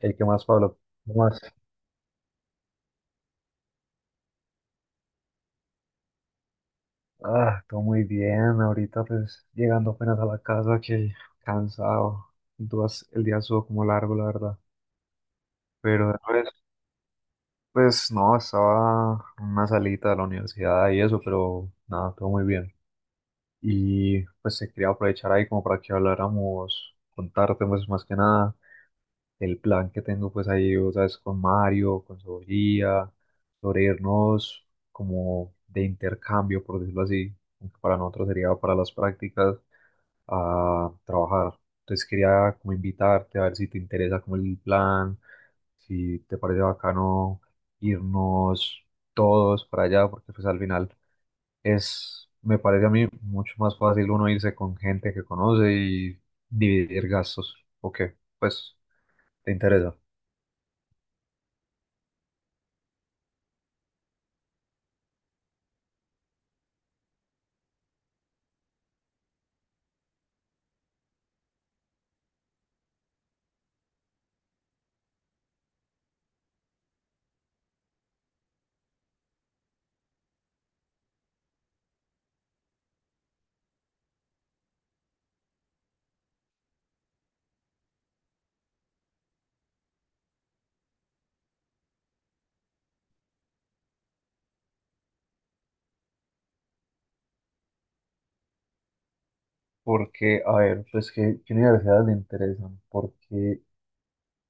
¿El que más, Pablo? ¿Cómo vas? Ah, todo muy bien. Ahorita pues llegando apenas a la casa que cansado. Entonces el día estuvo como largo, la verdad. Pero después, pues no, estaba en una salita de la universidad y eso, pero nada, todo muy bien. Y pues se quería aprovechar ahí como para que habláramos, contarte pues más que nada el plan que tengo pues ahí, o sabes, con Mario, con Sofía, sobre irnos como de intercambio, por decirlo así, aunque para nosotros sería para las prácticas, a trabajar. Entonces quería como invitarte a ver si te interesa como el plan, si te parece bacano irnos todos para allá, porque pues al final es, me parece a mí mucho más fácil uno irse con gente que conoce y dividir gastos. Ok, pues te interesa. Porque, a ver, pues qué universidades le interesan, porque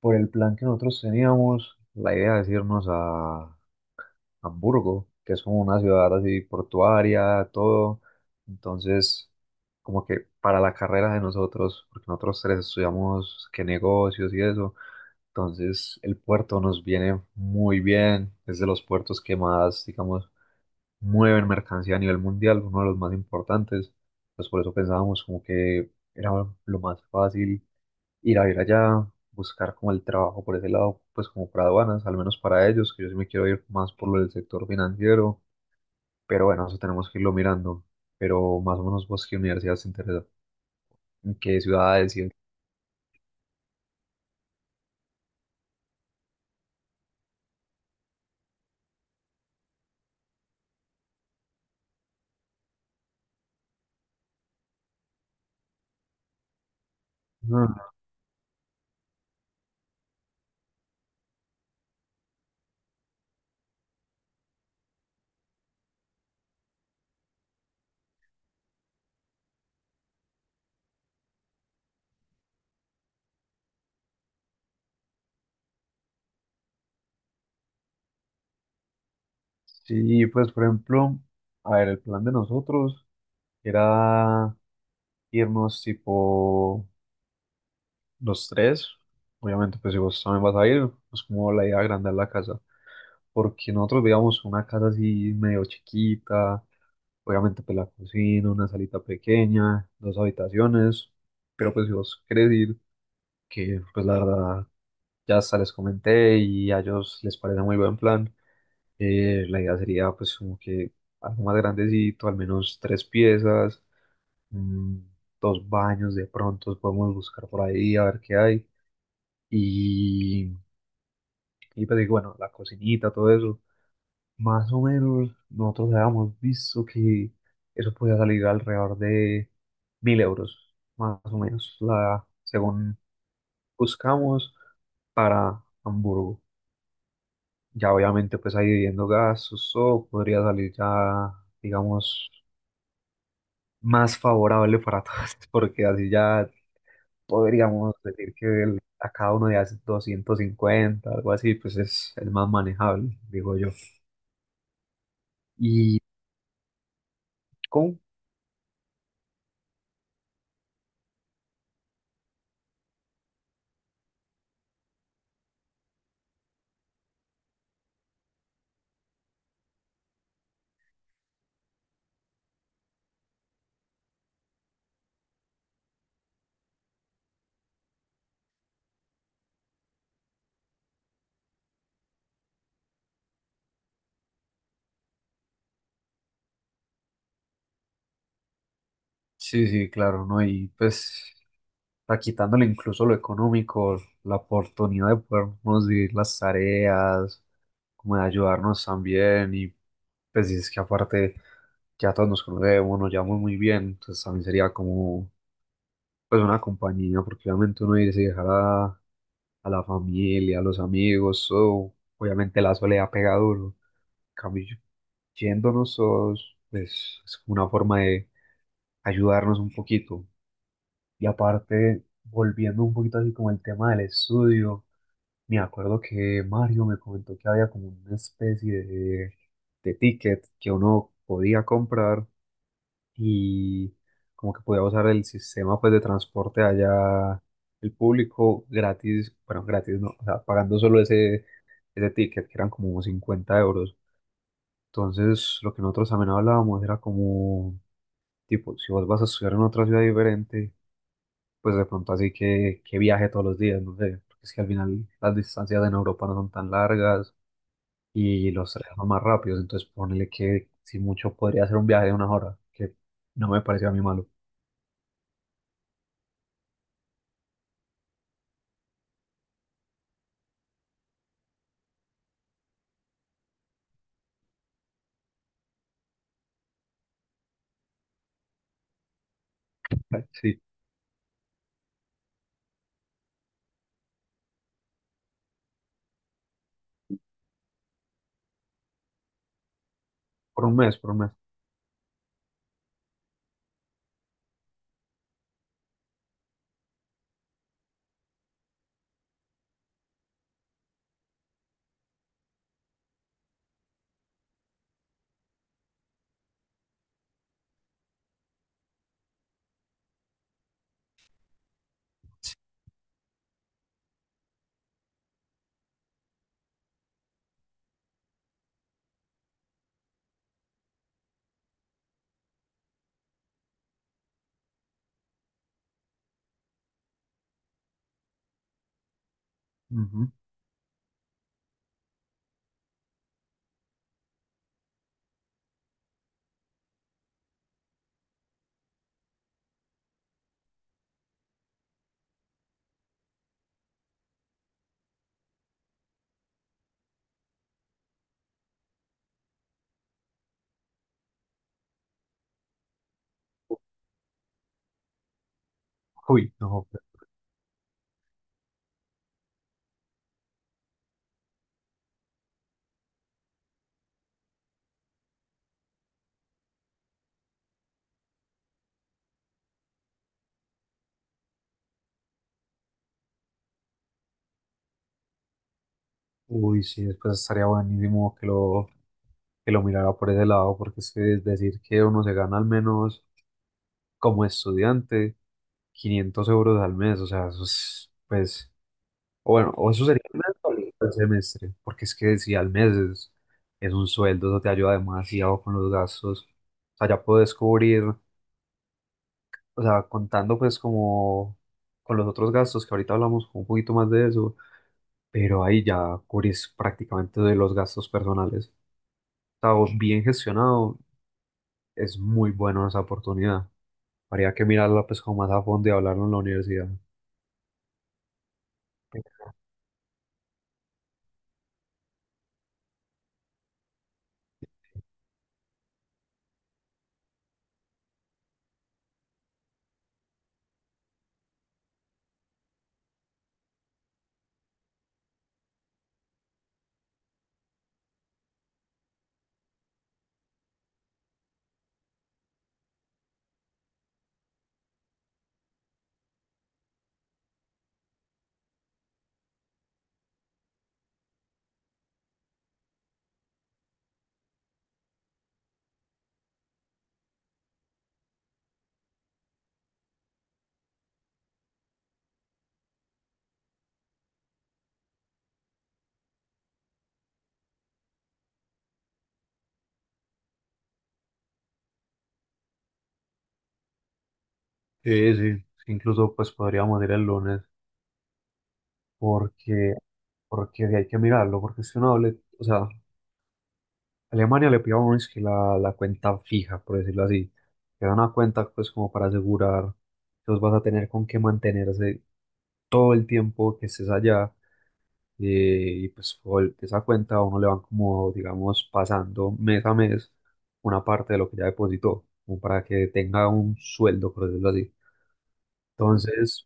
por el plan que nosotros teníamos, la idea es irnos a Hamburgo, que es como una ciudad así portuaria, todo. Entonces, como que para la carrera de nosotros, porque nosotros tres estudiamos qué negocios y eso, entonces el puerto nos viene muy bien, es de los puertos que más, digamos, mueven mercancía a nivel mundial, uno de los más importantes. Pues por eso pensábamos como que era lo más fácil ir a ver allá, buscar como el trabajo por ese lado, pues como para aduanas, al menos para ellos, que yo sí me quiero ir más por lo del sector financiero, pero bueno, eso tenemos que irlo mirando. Pero más o menos vos qué universidad te interesa, en qué ciudades Ah, sí, pues por ejemplo, a ver, el plan de nosotros era irnos tipo los tres, obviamente, pues si vos también vas a ir, pues como la idea de agrandar la casa, porque nosotros veíamos una casa así medio chiquita, obviamente pues la cocina, una salita pequeña, dos habitaciones, pero pues si vos querés ir, que pues la verdad ya hasta les comenté y a ellos les parece muy buen plan, la idea sería pues como que algo más grandecito, al menos tres piezas, mm, dos baños de pronto, podemos buscar por ahí a ver qué hay. Y Y pues digo, bueno, la cocinita, todo eso. Más o menos nosotros habíamos visto que eso podía salir alrededor de 1.000 euros, más o menos, la, según buscamos para Hamburgo. Ya obviamente pues ahí viviendo gastos, todo podría salir ya, digamos, más favorable para todos, porque así ya podríamos decir que el- a cada uno de hace 250 algo así, pues es, el más manejable, digo yo. Y con sí, sí, claro, ¿no? Y pues, a quitándole incluso lo económico, la oportunidad de podernos dividir las tareas, como de ayudarnos también, y pues, y es que aparte ya todos nos conocemos, nos llevamos muy bien, entonces también sería como, pues, una compañía, porque obviamente uno irse y dejar a la familia, a los amigos, o obviamente la soledad pega duro, en cambio, yéndonos todos, pues, es como una forma de ayudarnos un poquito. Y aparte, volviendo un poquito así como el tema del estudio, me acuerdo que Mario me comentó que había como una especie de ticket que uno podía comprar y como que podía usar el sistema pues de transporte allá, el público gratis, bueno, gratis no, o sea, pagando solo ese ticket que eran como 50 euros. Entonces, lo que nosotros también hablábamos era como, tipo, si vos vas a estudiar en otra ciudad diferente pues de pronto así que viaje todos los días, no sé, porque es que al final las distancias en Europa no son tan largas y los trenes son más rápidos, entonces ponele que si mucho podría ser un viaje de una hora, que no me pareció a mí malo. Sí, por un mes, por un mes. Ujú. Uy, no, pero- Uy, sí, después estaría buenísimo que lo mirara por ese lado, porque es que es decir que uno se gana al menos como estudiante 500 euros al mes, o sea, eso es, pues o bueno, o eso sería un sueldo al semestre, porque es que si al mes es un sueldo, eso te ayuda demasiado con los gastos. O sea, ya puedes cubrir, o sea, contando pues como con los otros gastos, que ahorita hablamos un poquito más de eso, pero ahí ya cubrís prácticamente de los gastos personales. O sea, vos bien gestionado, es muy bueno esa oportunidad. Habría que mirarla pues como más a fondo y hablarlo en la universidad. Sí, sí, incluso pues podríamos ir el lunes, porque, porque de ahí hay que mirarlo, porque si uno le, o sea, Alemania le pide a uno es que la cuenta fija, por decirlo así, que da una cuenta pues como para asegurar que vos vas a tener con qué mantenerse todo el tiempo que estés allá, eh, y pues por esa cuenta a uno le van como, digamos, pasando mes a mes una parte de lo que ya depositó, como para que tenga un sueldo, por decirlo así. Entonces,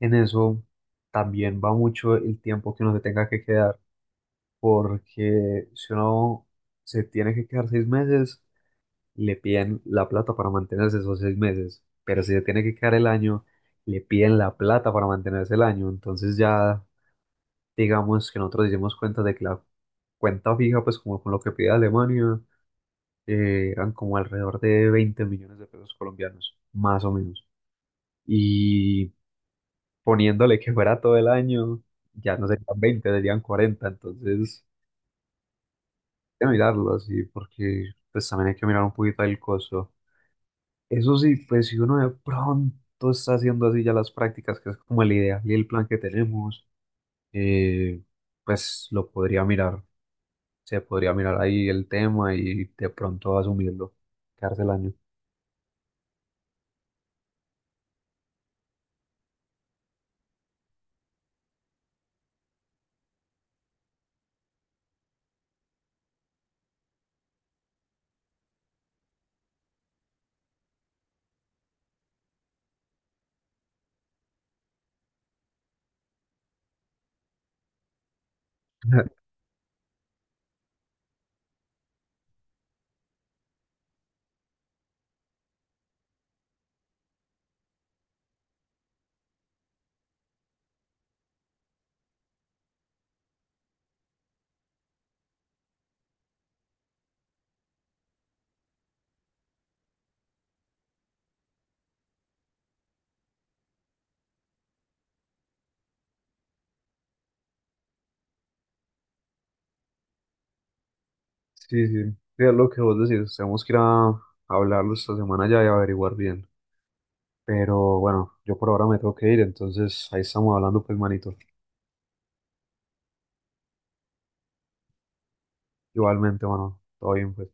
en eso también va mucho el tiempo que uno se tenga que quedar porque si uno se tiene que quedar 6 meses, le piden la plata para mantenerse esos 6 meses, pero si se tiene que quedar el año, le piden la plata para mantenerse el año, entonces ya digamos que nosotros hicimos cuenta de que la cuenta fija, pues como con lo que pide Alemania, eran como alrededor de 20 millones de pesos colombianos, más o menos, y poniéndole que fuera todo el año, ya no serían 20 serían 40 entonces... Que mirarlo así, porque pues también hay que mirar un poquito el costo. Eso sí, pues si uno de pronto está haciendo así ya las prácticas, que es como la idea y el plan que tenemos, eh, pues lo podría mirar, se podría mirar ahí el tema y de pronto asumirlo, quedarse el año. Sí, sí, sí, es lo que vos decís, tenemos que ir a hablarlo esta semana ya y averiguar bien. Pero bueno, yo por ahora me tengo que ir, entonces ahí estamos hablando pues manito. Igualmente, bueno, todo bien pues.